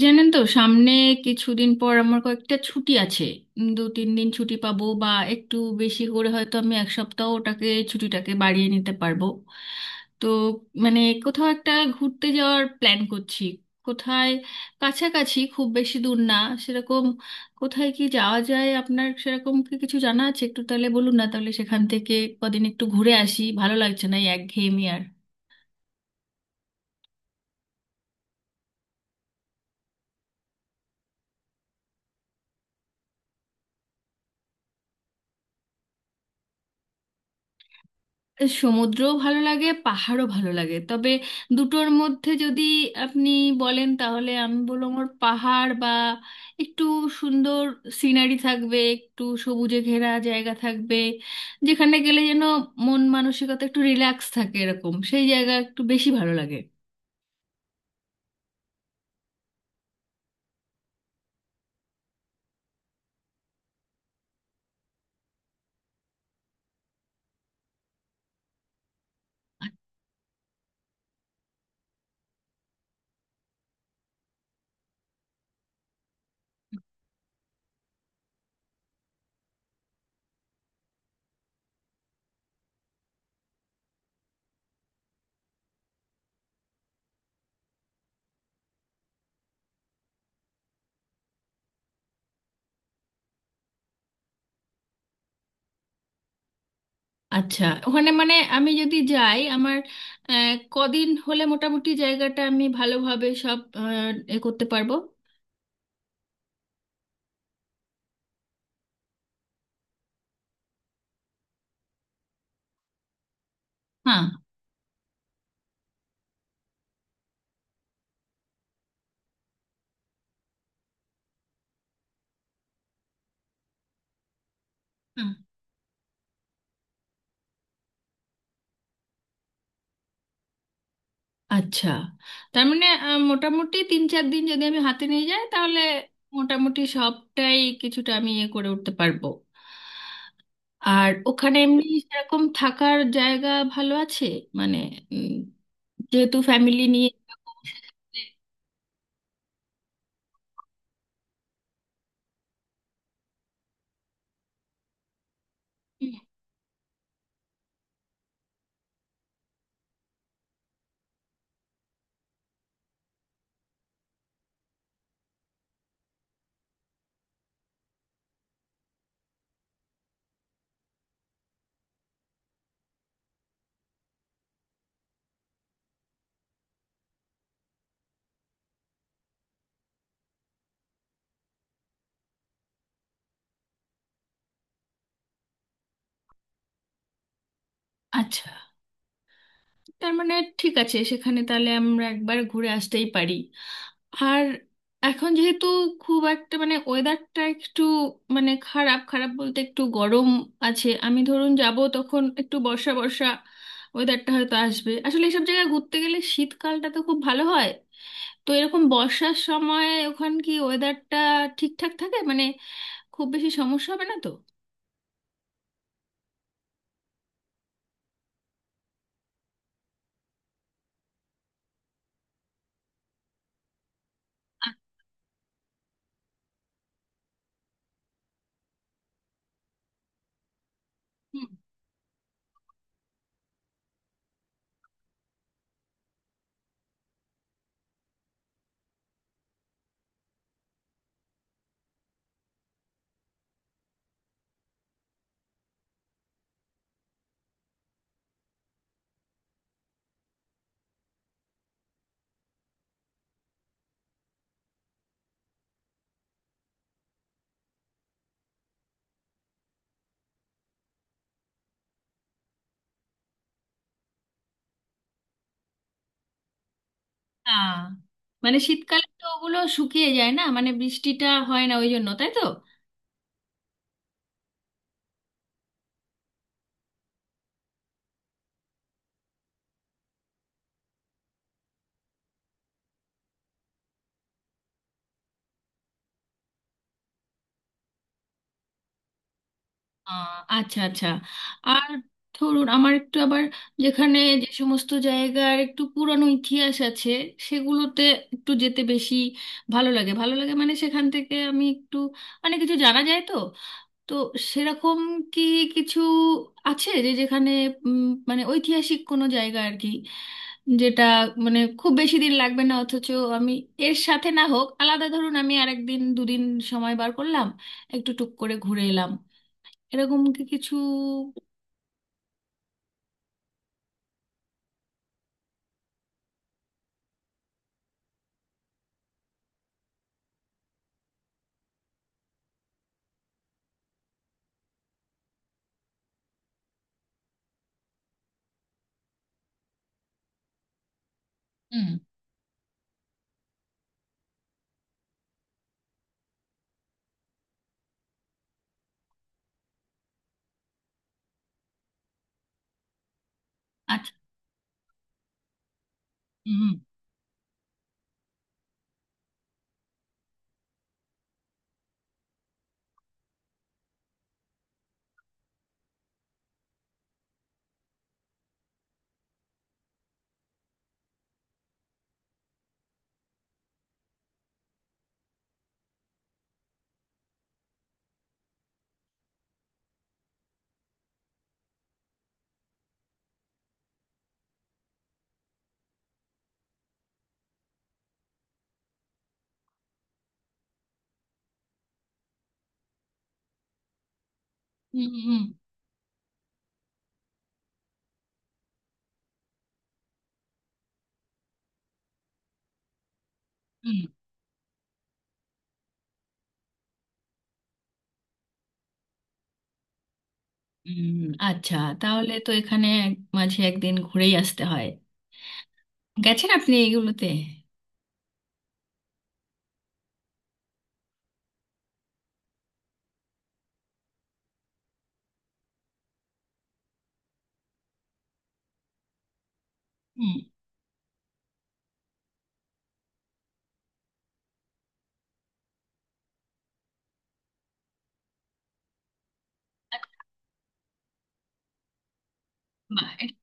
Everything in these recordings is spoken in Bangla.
জানেন তো, সামনে কিছুদিন পর আমার কয়েকটা ছুটি আছে। 2-3 দিন ছুটি পাবো, বা একটু বেশি করে হয়তো আমি এক সপ্তাহ ওটাকে ছুটিটাকে বাড়িয়ে নিতে পারবো। তো মানে কোথাও একটা ঘুরতে যাওয়ার প্ল্যান করছি। কোথায় কাছাকাছি, খুব বেশি দূর না সেরকম। কোথায় কি যাওয়া যায়, আপনার সেরকম কি কিছু জানা আছে? একটু তাহলে বলুন না, তাহলে সেখান থেকে কদিন একটু ঘুরে আসি। ভালো লাগছে না এই একঘেয়েমি আর। সমুদ্রও ভালো লাগে, পাহাড়ও ভালো লাগে, তবে দুটোর মধ্যে যদি আপনি বলেন তাহলে আমি বলবো আমার পাহাড়, বা একটু সুন্দর সিনারি থাকবে, একটু সবুজে ঘেরা জায়গা থাকবে, যেখানে গেলে যেন মন মানসিকতা একটু রিল্যাক্স থাকে, এরকম সেই জায়গা একটু বেশি ভালো লাগে। আচ্ছা, ওখানে মানে আমি যদি যাই আমার কদিন হলে মোটামুটি জায়গাটা আমি ভালোভাবে সব এ করতে পারবো? হ্যাঁ। আচ্ছা, তার মানে মোটামুটি 3-4 দিন যদি আমি হাতে নিয়ে যাই তাহলে মোটামুটি সবটাই কিছুটা আমি ইয়ে করে উঠতে পারবো। আর ওখানে এমনি সেরকম থাকার জায়গা ভালো আছে? মানে উম, যেহেতু ফ্যামিলি নিয়ে হুম। আচ্ছা, তার মানে ঠিক আছে, সেখানে তাহলে আমরা একবার ঘুরে আসতেই পারি। আর এখন যেহেতু খুব একটা মানে ওয়েদারটা একটু মানে খারাপ, খারাপ বলতে একটু গরম আছে, আমি ধরুন যাব তখন একটু বর্ষা বর্ষা ওয়েদারটা হয়তো আসবে। আসলে এসব জায়গায় ঘুরতে গেলে শীতকালটা তো খুব ভালো হয়, তো এরকম বর্ষার সময় ওখান কি ওয়েদারটা ঠিকঠাক থাকে মানে, খুব বেশি সমস্যা হবে না তো? আ- হুম। না, মানে শীতকালে তো ওগুলো শুকিয়ে যায় না, মানে বৃষ্টিটা হয় না ওই জন্য, তাই তো? আহ, আচ্ছা আচ্ছা। আর ধরুন আমার একটু আবার, যেখানে যে সমস্ত জায়গার একটু পুরানো ইতিহাস আছে সেগুলোতে একটু যেতে বেশি ভালো লাগে, ভালো লাগে মানে সেখান থেকে আমি একটু মানে কিছু জানা যায় তো। তো সেরকম কি কিছু আছে যে যেখানে উম, মানে ঐতিহাসিক কোনো জায়গা আর কি, যেটা মানে খুব বেশি দিন লাগবে না, অথচ আমি এর সাথে না হোক আলাদা, ধরুন আমি আরেকদিন দুদিন সময় বার করলাম, একটু টুক করে ঘুরে এলাম, এরকম কি কিছু? হুম। আচ্ছা। হুম, হুম, হুম, হুম। হুম, হুম। আচ্ছা, তাহলে তো এখানে মাঝে একদিন ঘুরেই আসতে হয়। গেছেন আপনি এইগুলোতে? হুম। বাহ, এটা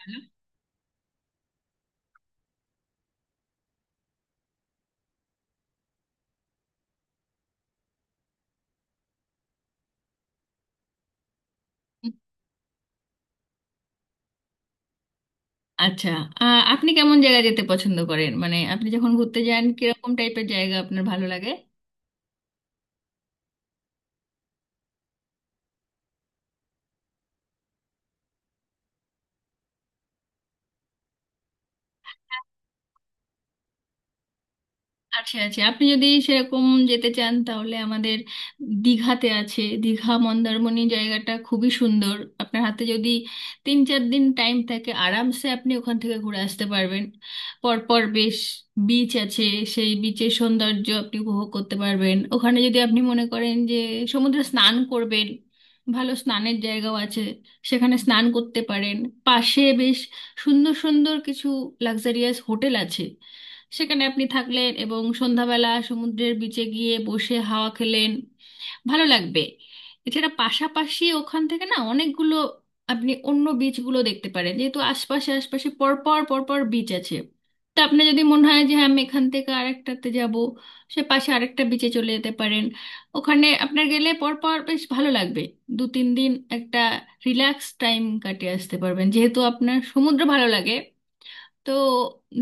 ভালো। হুম। আচ্ছা, আপনি কেমন জায়গা যেতে পছন্দ করেন, মানে আপনি যখন ঘুরতে যান কিরকম টাইপের জায়গা আপনার ভালো লাগে? আছে আছে। আপনি যদি সেরকম যেতে চান তাহলে আমাদের দীঘাতে আছে, দীঘা মন্দারমণি জায়গাটা খুবই সুন্দর। আপনার হাতে যদি 3-4 দিন টাইম থাকে আরামসে আপনি ওখান থেকে ঘুরে আসতে পারবেন। পরপর বেশ বিচ আছে, সেই বিচের সৌন্দর্য আপনি উপভোগ করতে পারবেন। ওখানে যদি আপনি মনে করেন যে সমুদ্রে স্নান করবেন, ভালো স্নানের জায়গাও আছে, সেখানে স্নান করতে পারেন। পাশে বেশ সুন্দর সুন্দর কিছু লাক্সারিয়াস হোটেল আছে, সেখানে আপনি থাকলেন এবং সন্ধ্যাবেলা সমুদ্রের বিচে গিয়ে বসে হাওয়া খেলেন, ভালো লাগবে। এছাড়া পাশাপাশি ওখান থেকে না অনেকগুলো, আপনি অন্য বিচগুলো দেখতে পারেন, যেহেতু আশপাশে আশপাশে পরপর পরপর বিচ আছে। তো আপনার যদি মনে হয় যে হ্যাঁ আমি এখান থেকে আরেকটাতে যাব, সে পাশে আরেকটা বিচে চলে যেতে পারেন। ওখানে আপনার গেলে পরপর বেশ ভালো লাগবে। 2-3 দিন একটা রিল্যাক্স টাইম কাটিয়ে আসতে পারবেন, যেহেতু আপনার সমুদ্র ভালো লাগে। তো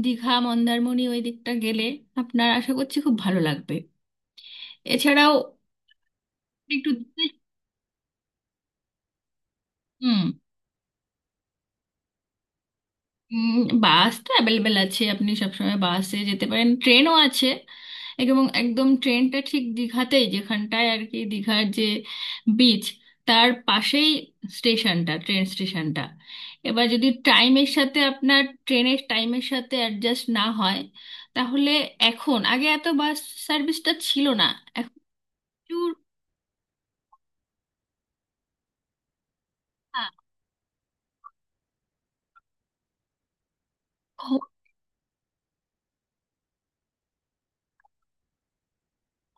দীঘা মন্দারমণি ওই দিকটা গেলে আপনার আশা করছি খুব ভালো লাগবে। এছাড়াও একটু। হুম। উম, বাস তো অ্যাভেলেবেল আছে, আপনি সবসময় বাসে যেতে পারেন, ট্রেনও আছে। এবং একদম ট্রেনটা ঠিক দীঘাতেই, যেখানটায় আর কি দীঘার যে বিচ তার পাশেই স্টেশনটা, ট্রেন স্টেশনটা। এবার যদি টাইমের সাথে, আপনার ট্রেনের টাইমের সাথে অ্যাডজাস্ট না হয়, তাহলে এখন, আগে এত বাস সার্ভিসটা ছিল না, এখন প্রচুর।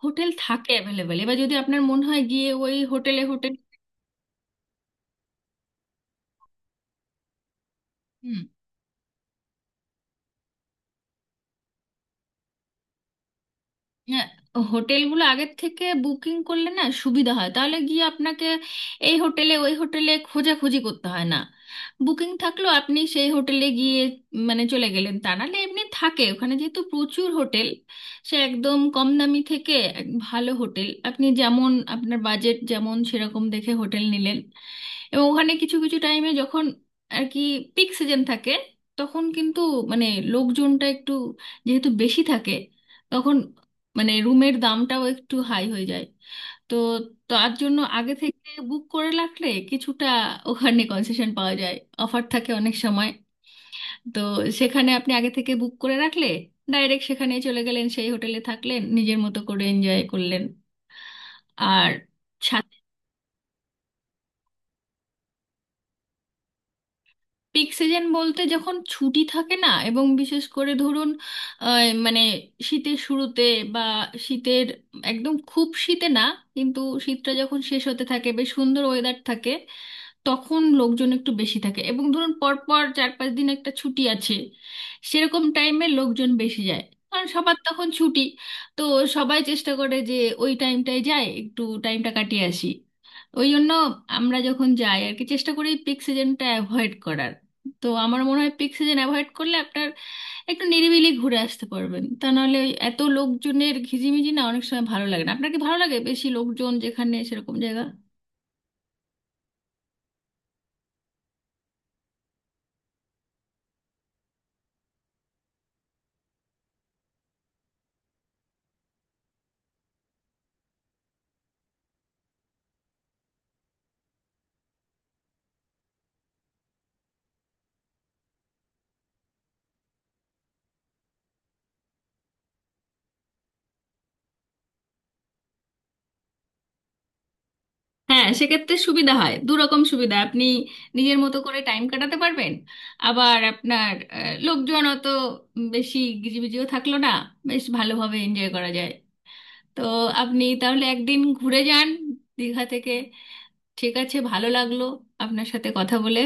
হোটেল থাকে অ্যাভেলেবেল। এবার যদি আপনার মনে হয় গিয়ে ওই হোটেলে হোটেল হুম। হ্যাঁ, হোটেলগুলো আগের থেকে বুকিং করলে না সুবিধা হয়, তাহলে গিয়ে আপনাকে এই হোটেলে ওই হোটেলে খোঁজাখুঁজি করতে হয় না। বুকিং থাকলো, আপনি সেই হোটেলে গিয়ে মানে চলে গেলেন। তা নাহলে এমনি থাকে ওখানে যেহেতু প্রচুর হোটেল, সে একদম কম দামি থেকে এক ভালো হোটেল, আপনি যেমন আপনার বাজেট যেমন সেরকম দেখে হোটেল নিলেন। এবং ওখানে কিছু কিছু টাইমে যখন আর কি পিক সিজন থাকে, তখন কিন্তু মানে লোকজনটা একটু যেহেতু বেশি থাকে, তখন মানে রুমের দামটাও একটু হাই হয়ে যায়। তো তার জন্য আগে থেকে বুক করে রাখলে কিছুটা ওখানে কনসেশন পাওয়া যায়, অফার থাকে অনেক সময়। তো সেখানে আপনি আগে থেকে বুক করে রাখলে ডাইরেক্ট সেখানে চলে গেলেন, সেই হোটেলে থাকলেন নিজের মতো করে এনজয় করলেন। আর পিক সিজন বলতে যখন ছুটি থাকে না, এবং বিশেষ করে ধরুন মানে শীতের শুরুতে, বা শীতের একদম খুব শীতে না কিন্তু শীতটা যখন শেষ হতে থাকে বেশ সুন্দর ওয়েদার থাকে, তখন লোকজন একটু বেশি থাকে। এবং ধরুন পরপর 4-5 দিন একটা ছুটি আছে, সেরকম টাইমে লোকজন বেশি যায়, কারণ সবার তখন ছুটি। তো সবাই চেষ্টা করে যে ওই টাইমটায় যায়, একটু টাইমটা কাটিয়ে আসি। ওই জন্য আমরা যখন যাই আর কি, চেষ্টা করি পিক সিজনটা অ্যাভয়েড করার। তো আমার মনে হয় পিক সিজন অ্যাভয়েড করলে আপনার একটু নিরিবিলি ঘুরে আসতে পারবেন, তা নাহলে ওই এত লোকজনের ঘিজিমিজি না অনেক সময় ভালো লাগে না। আপনার কি ভালো লাগে বেশি লোকজন যেখানে সেরকম জায়গা? হ্যাঁ, সেক্ষেত্রে সুবিধা হয়, দু রকম সুবিধা। আপনি নিজের মতো করে টাইম কাটাতে পারবেন, আবার আপনার লোকজন অত বেশি গিজিবিজিও থাকলো না, বেশ ভালোভাবে এনজয় করা যায়। তো আপনি তাহলে একদিন ঘুরে যান দীঘা থেকে। ঠিক আছে, ভালো লাগলো আপনার সাথে কথা বলে।